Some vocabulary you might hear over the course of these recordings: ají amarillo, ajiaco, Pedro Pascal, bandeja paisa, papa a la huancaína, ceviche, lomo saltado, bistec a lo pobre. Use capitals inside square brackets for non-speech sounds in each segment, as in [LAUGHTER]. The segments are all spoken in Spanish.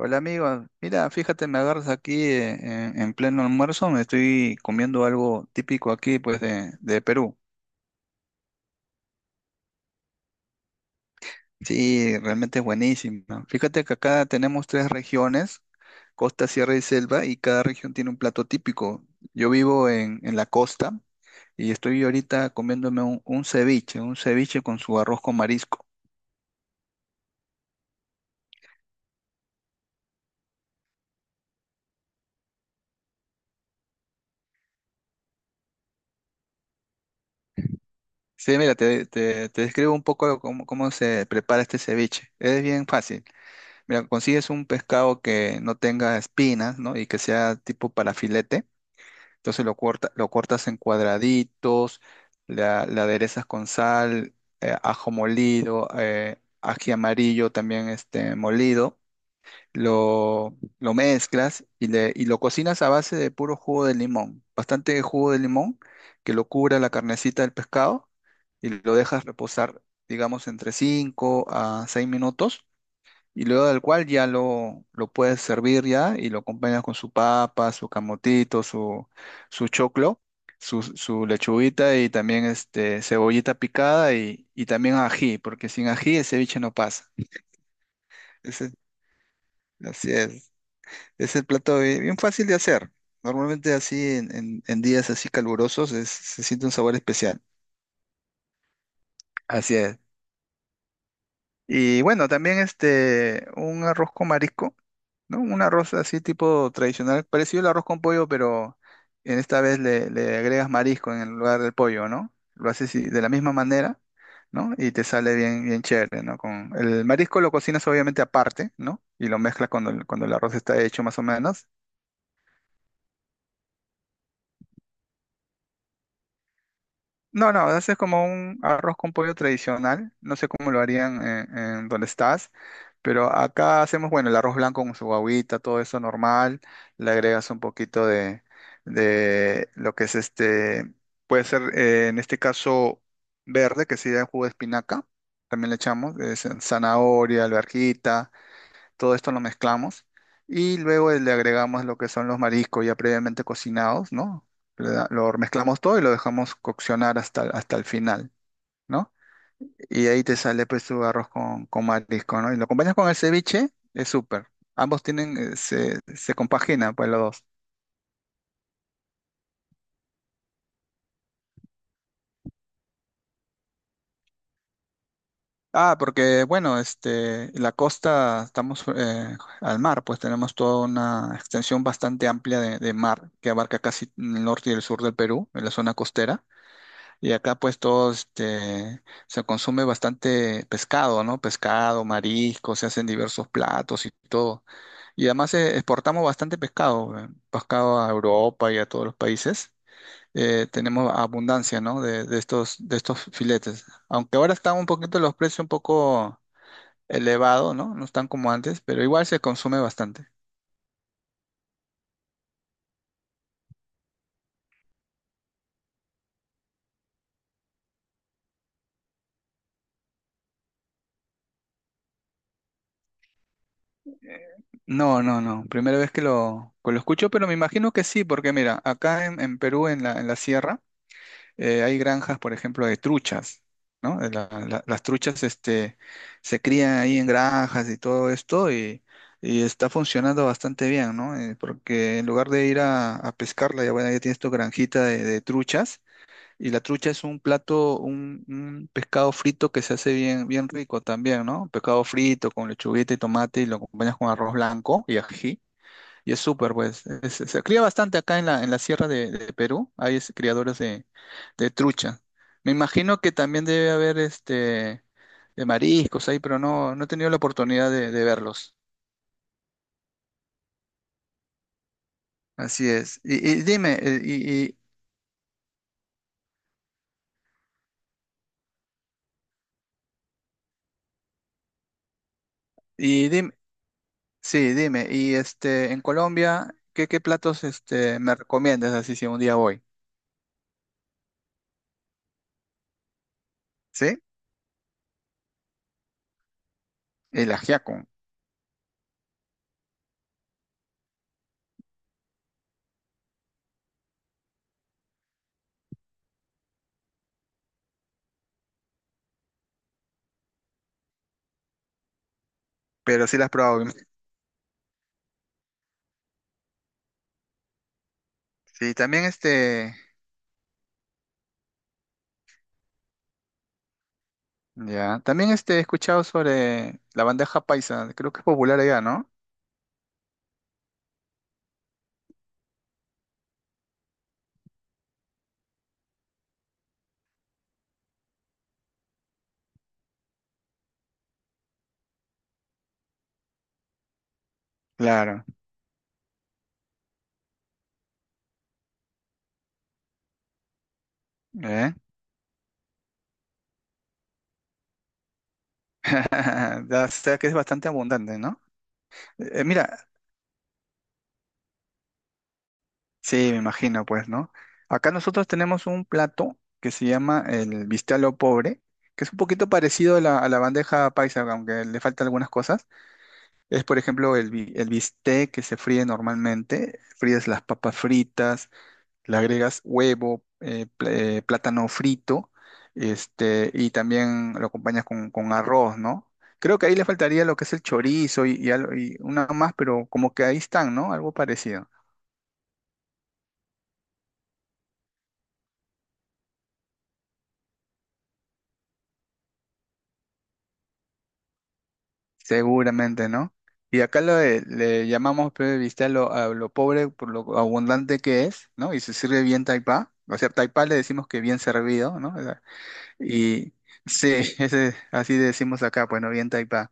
Hola amigo, mira, fíjate, me agarras aquí en pleno almuerzo, me estoy comiendo algo típico aquí pues de Perú. Sí, realmente es buenísimo. Fíjate que acá tenemos tres regiones, costa, sierra y selva, y cada región tiene un plato típico. Yo vivo en la costa y estoy ahorita comiéndome un ceviche, un ceviche con su arroz con marisco. Sí, mira, te describo un poco cómo se prepara este ceviche. Es bien fácil. Mira, consigues un pescado que no tenga espinas, ¿no? Y que sea tipo para filete. Entonces lo cortas en cuadraditos, la aderezas con sal, ajo molido, ají amarillo también este, molido. Lo mezclas y lo cocinas a base de puro jugo de limón. Bastante jugo de limón que lo cubra la carnecita del pescado y lo dejas reposar, digamos, entre 5 a 6 minutos, y luego del cual ya lo puedes servir ya y lo acompañas con su papa, su camotito, su choclo, su lechuguita y también este, cebollita picada y también ají, porque sin ají el ceviche no pasa. Ese, así es. Es el plato bien fácil de hacer. Normalmente así en días así calurosos se siente un sabor especial. Así es. Y bueno, también este, un arroz con marisco, ¿no? Un arroz así tipo tradicional, parecido al arroz con pollo, pero en esta vez le agregas marisco en el lugar del pollo, ¿no? Lo haces de la misma manera, ¿no? Y te sale bien, bien chévere, ¿no? Con el marisco lo cocinas obviamente aparte, ¿no? Y lo mezclas cuando el arroz está hecho más o menos. No, no, haces como un arroz con pollo tradicional. No sé cómo lo harían en donde estás, pero acá hacemos, bueno, el arroz blanco con su agüita, todo eso normal. Le agregas un poquito de lo que es este, puede ser en este caso verde, que sería el jugo de espinaca. También le echamos zanahoria, alverjita. Todo esto lo mezclamos y luego le agregamos lo que son los mariscos ya previamente cocinados, ¿no? Lo mezclamos todo y lo dejamos coccionar hasta el final, ¿no? Y ahí te sale pues tu arroz con marisco, ¿no? Y lo acompañas con el ceviche, es súper. Ambos tienen, se compagina pues los dos. Ah, porque bueno, este, la costa, estamos al mar, pues tenemos toda una extensión bastante amplia de mar que abarca casi el norte y el sur del Perú, en la zona costera. Y acá pues todo este, se consume bastante pescado, ¿no? Pescado, marisco, se hacen diversos platos y todo. Y además exportamos bastante pescado, pescado a Europa y a todos los países. Tenemos abundancia, ¿no? De estos filetes. Aunque ahora están un poquito los precios un poco elevados, ¿no? No están como antes, pero igual se consume bastante. No, no, no. Primera vez que lo escucho, pero me imagino que sí, porque mira, acá en Perú, en la sierra, hay granjas, por ejemplo, de truchas, ¿no? Las truchas este, se crían ahí en granjas y todo esto y está funcionando bastante bien, ¿no? Porque en lugar de ir a pescarla, ya, bueno, ya tienes tu granjita de truchas y la trucha es un plato, un pescado frito que se hace bien, bien rico también, ¿no? Pescado frito con lechuguita y tomate y lo acompañas con arroz blanco y ají. Y es súper, pues. Se cría bastante acá en la sierra de Perú. Hay criadores de trucha. Me imagino que también debe haber este de mariscos ahí, pero no, no he tenido la oportunidad de verlos. Así es. Y dime, y dime, sí, dime, y este, en Colombia, ¿qué, platos este me recomiendas así si un día voy? ¿Sí? El ajiaco, pero sí las probado. Sí, también este. Ya, también este, he escuchado sobre la bandeja paisa, creo que es popular allá, ¿no? Claro, ¿eh? [LAUGHS] Ya, o sea que es bastante abundante, ¿no? Mira, sí, me imagino, pues, ¿no? Acá nosotros tenemos un plato que se llama el bistec a lo pobre, que es un poquito parecido a la bandeja paisa, aunque le faltan algunas cosas. Es, por ejemplo, el bistec que se fríe normalmente, fríes las papas fritas. Le agregas huevo, plátano frito, este, y también lo acompañas con arroz, ¿no? Creo que ahí le faltaría lo que es el chorizo y una más, pero como que ahí están, ¿no? Algo parecido, seguramente, ¿no? Y acá le llamamos, pues, viste, a lo pobre por lo abundante que es, ¿no? Y se sirve bien taipá. O sea, taipá le decimos que bien servido, ¿no? O sea. Y sí, [LAUGHS] ese, así decimos acá, pues no bien taipá.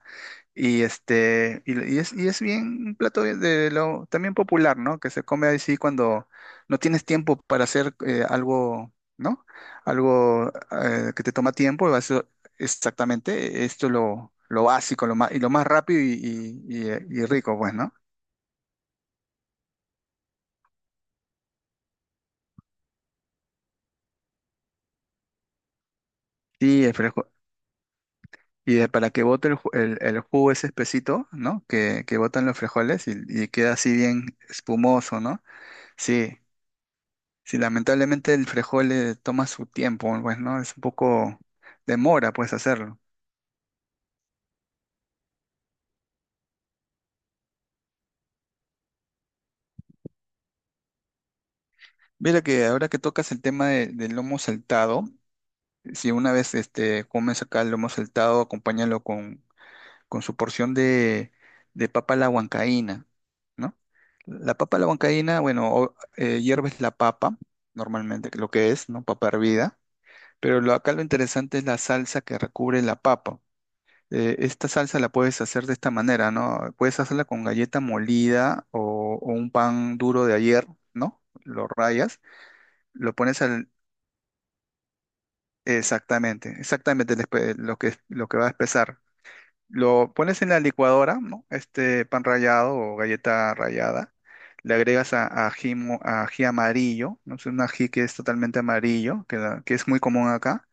Y este, y es bien un plato de lo también popular, ¿no? Que se come así cuando no tienes tiempo para hacer algo, ¿no? Algo que te toma tiempo, ser exactamente, esto es lo básico, lo más, y lo más rápido y rico, pues, ¿no? Y, el frejo- y para que bote el jugo ese espesito, ¿no? Que botan los frijoles y queda así bien espumoso, ¿no? Sí, sí, lamentablemente el frejol le toma su tiempo, pues, ¿no? Es un poco demora, pues, hacerlo. Mira que ahora que tocas el tema del lomo saltado, si una vez este, comes acá el lomo saltado, acompáñalo con su porción de papa a la huancaína, ¿no? La papa a la huancaína, bueno, hierves la papa, normalmente, que lo que es, ¿no? Papa hervida, pero acá lo interesante es la salsa que recubre la papa. Esta salsa la puedes hacer de esta manera, ¿no? Puedes hacerla con galleta molida o un pan duro de ayer, ¿no? Lo rayas, lo pones al. Exactamente, exactamente el espe- lo que va a espesar. Lo pones en la licuadora, ¿no? Este pan rallado o galleta rallada. Le agregas ají amarillo, ¿no? Es un ají que es totalmente amarillo, que es muy común acá.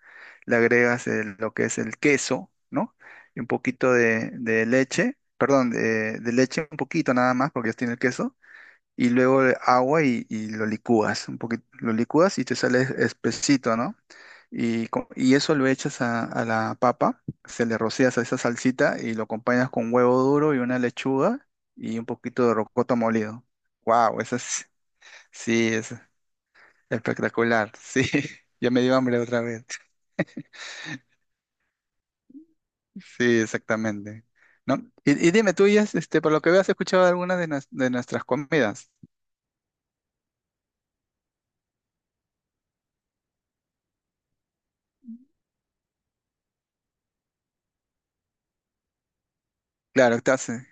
Le agregas lo que es el queso, ¿no? Y un poquito de leche, perdón, de leche, un poquito nada más, porque ya tiene el queso y luego el agua y lo licúas, un poquito, lo licúas y te sale espesito, ¿no? Y eso lo echas a la papa, se le rocías a esa salsita y lo acompañas con huevo duro y una lechuga y un poquito de rocoto molido. ¡Wow! Eso es, sí, es espectacular. Sí, [LAUGHS] ya me dio hambre otra vez. Sí, exactamente. ¿No? Y dime, tú ya, este, por lo que veo, has escuchado alguna de nuestras comidas. Claro, estás.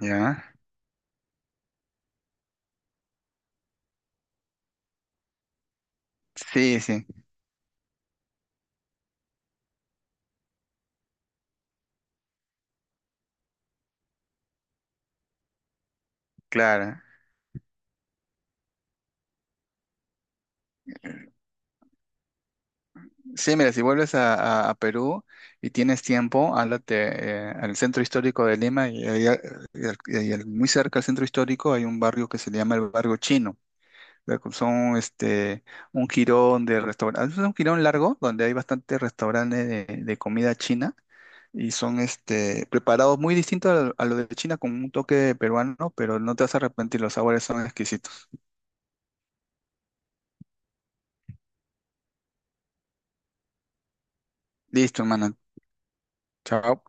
¿Ya? Sí, sí, claro. Sí, mira, si vuelves a Perú y tienes tiempo, háblate al centro histórico de Lima y, ahí a- y al- muy cerca al centro histórico hay un barrio que se llama el barrio chino. Son este, un jirón de restaurantes, es un jirón largo donde hay bastantes restaurantes de comida china y son este, preparados muy distintos a lo de China con un toque peruano, pero no te vas a arrepentir, los sabores son exquisitos. Listo, hermano. Chao.